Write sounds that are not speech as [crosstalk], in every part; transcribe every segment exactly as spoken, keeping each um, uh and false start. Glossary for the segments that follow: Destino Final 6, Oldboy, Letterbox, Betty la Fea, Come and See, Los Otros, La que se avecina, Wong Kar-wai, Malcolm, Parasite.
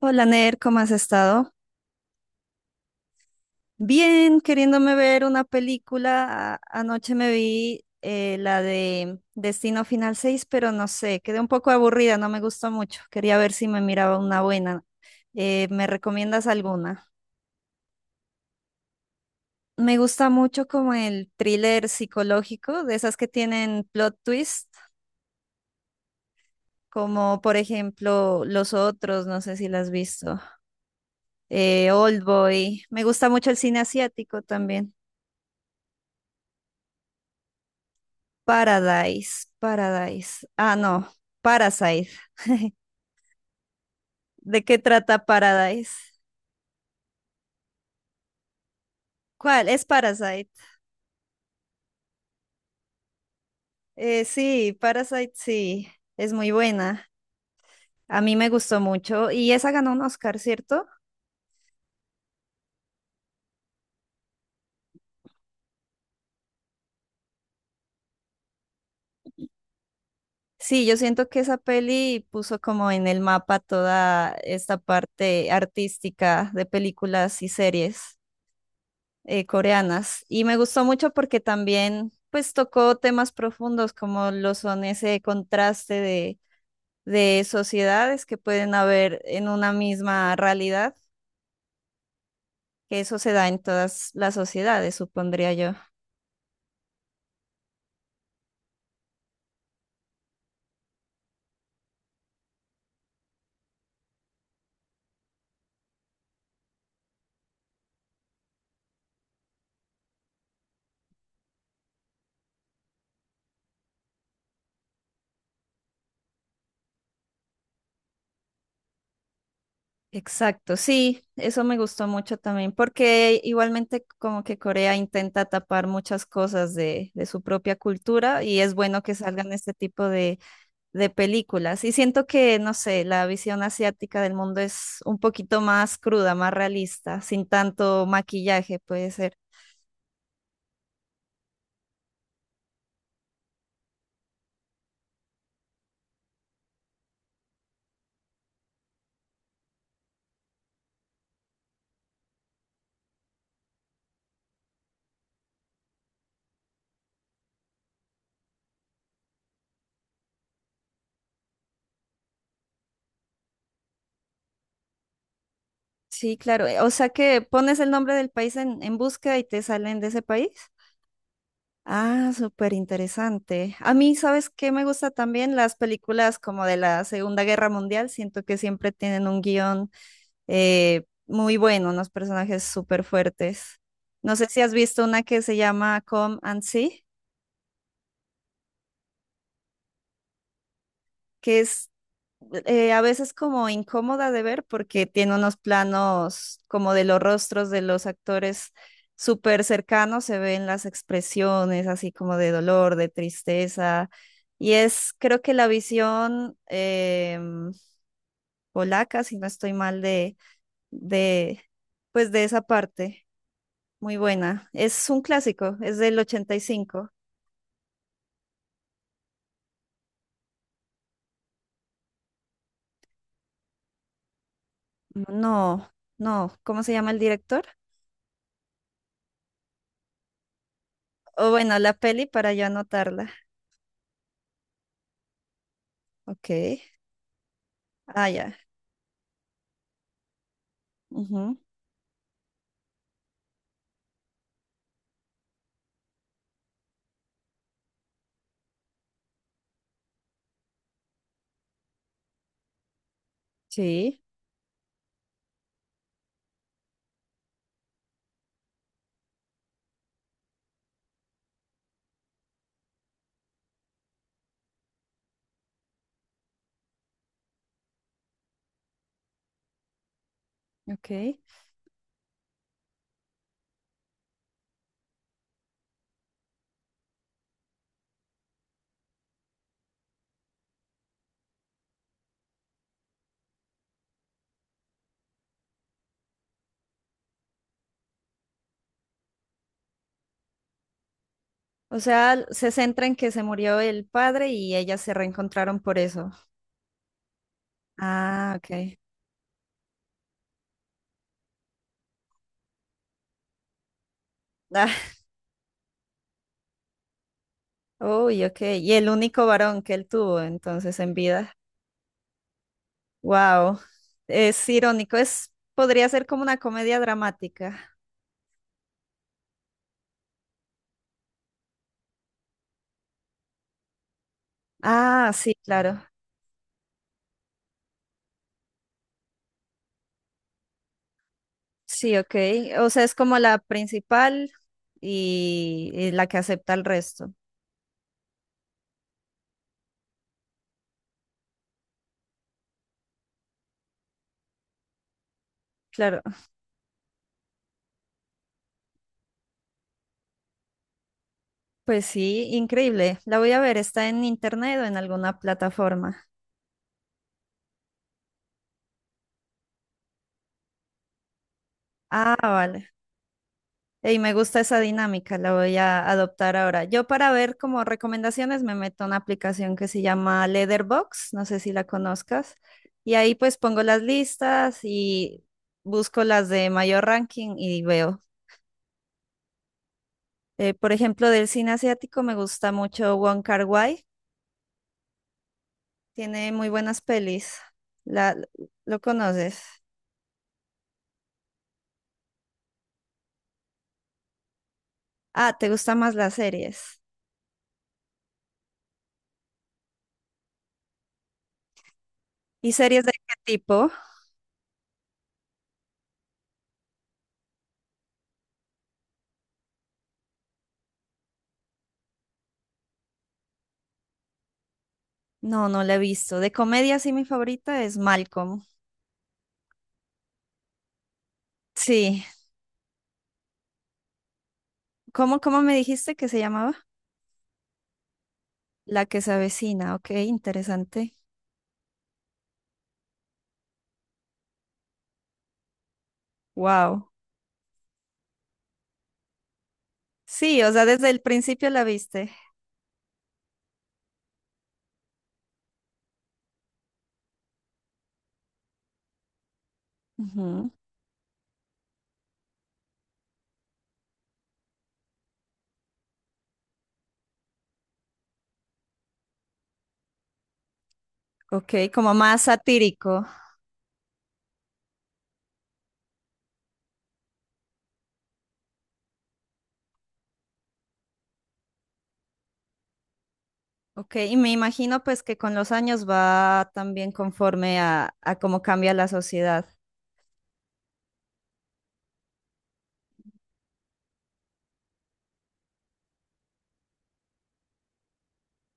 Hola Ner, ¿cómo has estado? Bien, queriéndome ver una película. A- Anoche me vi eh, la de Destino Final seis, pero no sé, quedé un poco aburrida, no me gustó mucho. Quería ver si me miraba una buena. Eh, ¿me recomiendas alguna? Me gusta mucho como el thriller psicológico, de esas que tienen plot twist, como por ejemplo Los Otros, no sé si las has visto, eh, Oldboy. Me gusta mucho el cine asiático también. Paradise, Paradise. Ah, no, Parasite. ¿De qué trata Paradise? ¿Cuál? Es Parasite. Eh, sí, Parasite sí, es muy buena. A mí me gustó mucho y esa ganó un Oscar, ¿cierto? Sí, yo siento que esa peli puso como en el mapa toda esta parte artística de películas y series eh, coreanas. Y me gustó mucho porque también pues tocó temas profundos como lo son ese contraste de de sociedades que pueden haber en una misma realidad, que eso se da en todas las sociedades, supondría yo. Exacto, sí, eso me gustó mucho también, porque igualmente como que Corea intenta tapar muchas cosas de, de su propia cultura y es bueno que salgan este tipo de, de películas. Y siento que, no sé, la visión asiática del mundo es un poquito más cruda, más realista, sin tanto maquillaje, puede ser. Sí, claro. eh, O sea que pones el nombre del país en, en búsqueda y te salen de ese país. Ah, súper interesante. A mí, ¿sabes qué me gusta también? Las películas como de la Segunda Guerra Mundial. Siento que siempre tienen un guión eh, muy bueno, unos personajes súper fuertes. No sé si has visto una que se llama Come and See, que es eh, a veces como incómoda de ver porque tiene unos planos como de los rostros de los actores súper cercanos, se ven las expresiones así como de dolor, de tristeza. Y es, creo que la visión eh, polaca, si no estoy mal, de, de, pues de esa parte, muy buena. Es un clásico, es del ochenta y cinco. No, no, ¿cómo se llama el director? O bueno, la peli para yo anotarla. Ok. Ah, ya. Ujú. Sí, ok. O sea, se centra en que se murió el padre y ellas se reencontraron por eso. Ah, ok. [laughs] Ah, uy, ok. Y el único varón que él tuvo entonces en vida. Wow. Es irónico, es, podría ser como una comedia dramática. Ah, sí, claro. Sí, ok. O sea, es como la principal y, y la que acepta el resto. Claro, pues sí, increíble. La voy a ver, está en internet o en alguna plataforma. Ah, vale. Y me gusta esa dinámica, la voy a adoptar ahora. Yo para ver como recomendaciones me meto a una aplicación que se llama Letterbox, no sé si la conozcas, y ahí pues pongo las listas y busco las de mayor ranking y veo. Eh, por ejemplo, del cine asiático me gusta mucho Wong Kar-wai, tiene muy buenas pelis. La, ¿lo conoces? Ah, ¿te gustan más las series? ¿Y series de qué tipo? No, no la he visto. De comedia sí mi favorita es Malcolm. Sí, ¿cómo, cómo me dijiste que se llamaba? La que se avecina, ok, interesante. Wow. Sí, o sea, desde el principio la viste. Ujú. Ok, como más satírico. Ok, y me imagino pues que con los años va también conforme a, a cómo cambia la sociedad.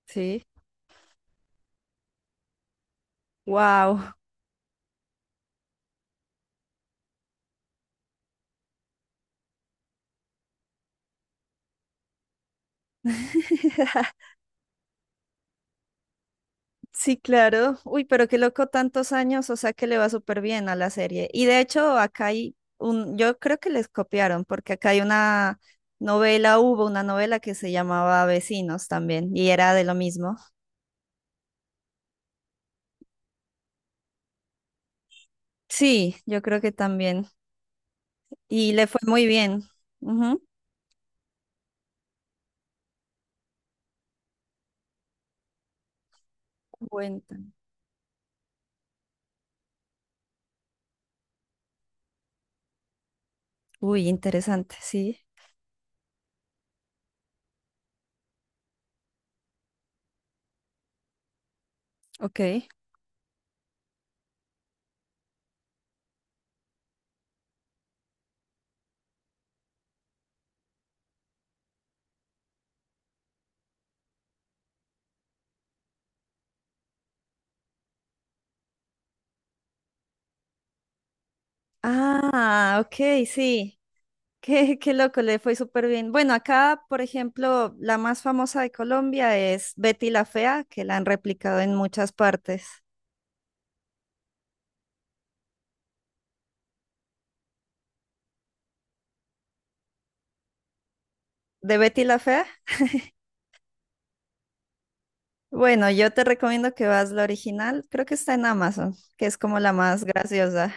Sí, wow. [laughs] Sí, claro. Uy, pero qué loco tantos años, o sea que le va súper bien a la serie. Y de hecho, acá hay un, yo creo que les copiaron, porque acá hay una novela, hubo una novela que se llamaba Vecinos también, y era de lo mismo. Sí, yo creo que también. Y le fue muy bien. Ujú. Cuentan. Uy, interesante, sí. Ok. Ah, ok, sí. Qué, qué loco, le fue súper bien. Bueno, acá, por ejemplo, la más famosa de Colombia es Betty la Fea, que la han replicado en muchas partes. ¿De Betty la Fea? Bueno, yo te recomiendo que vas la original, creo que está en Amazon, que es como la más graciosa.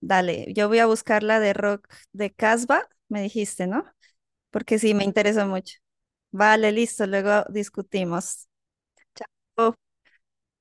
Dale, yo voy a buscar la de rock de Casbah, me dijiste, ¿no? Porque sí, me interesa mucho. Vale, listo, luego discutimos. Chao.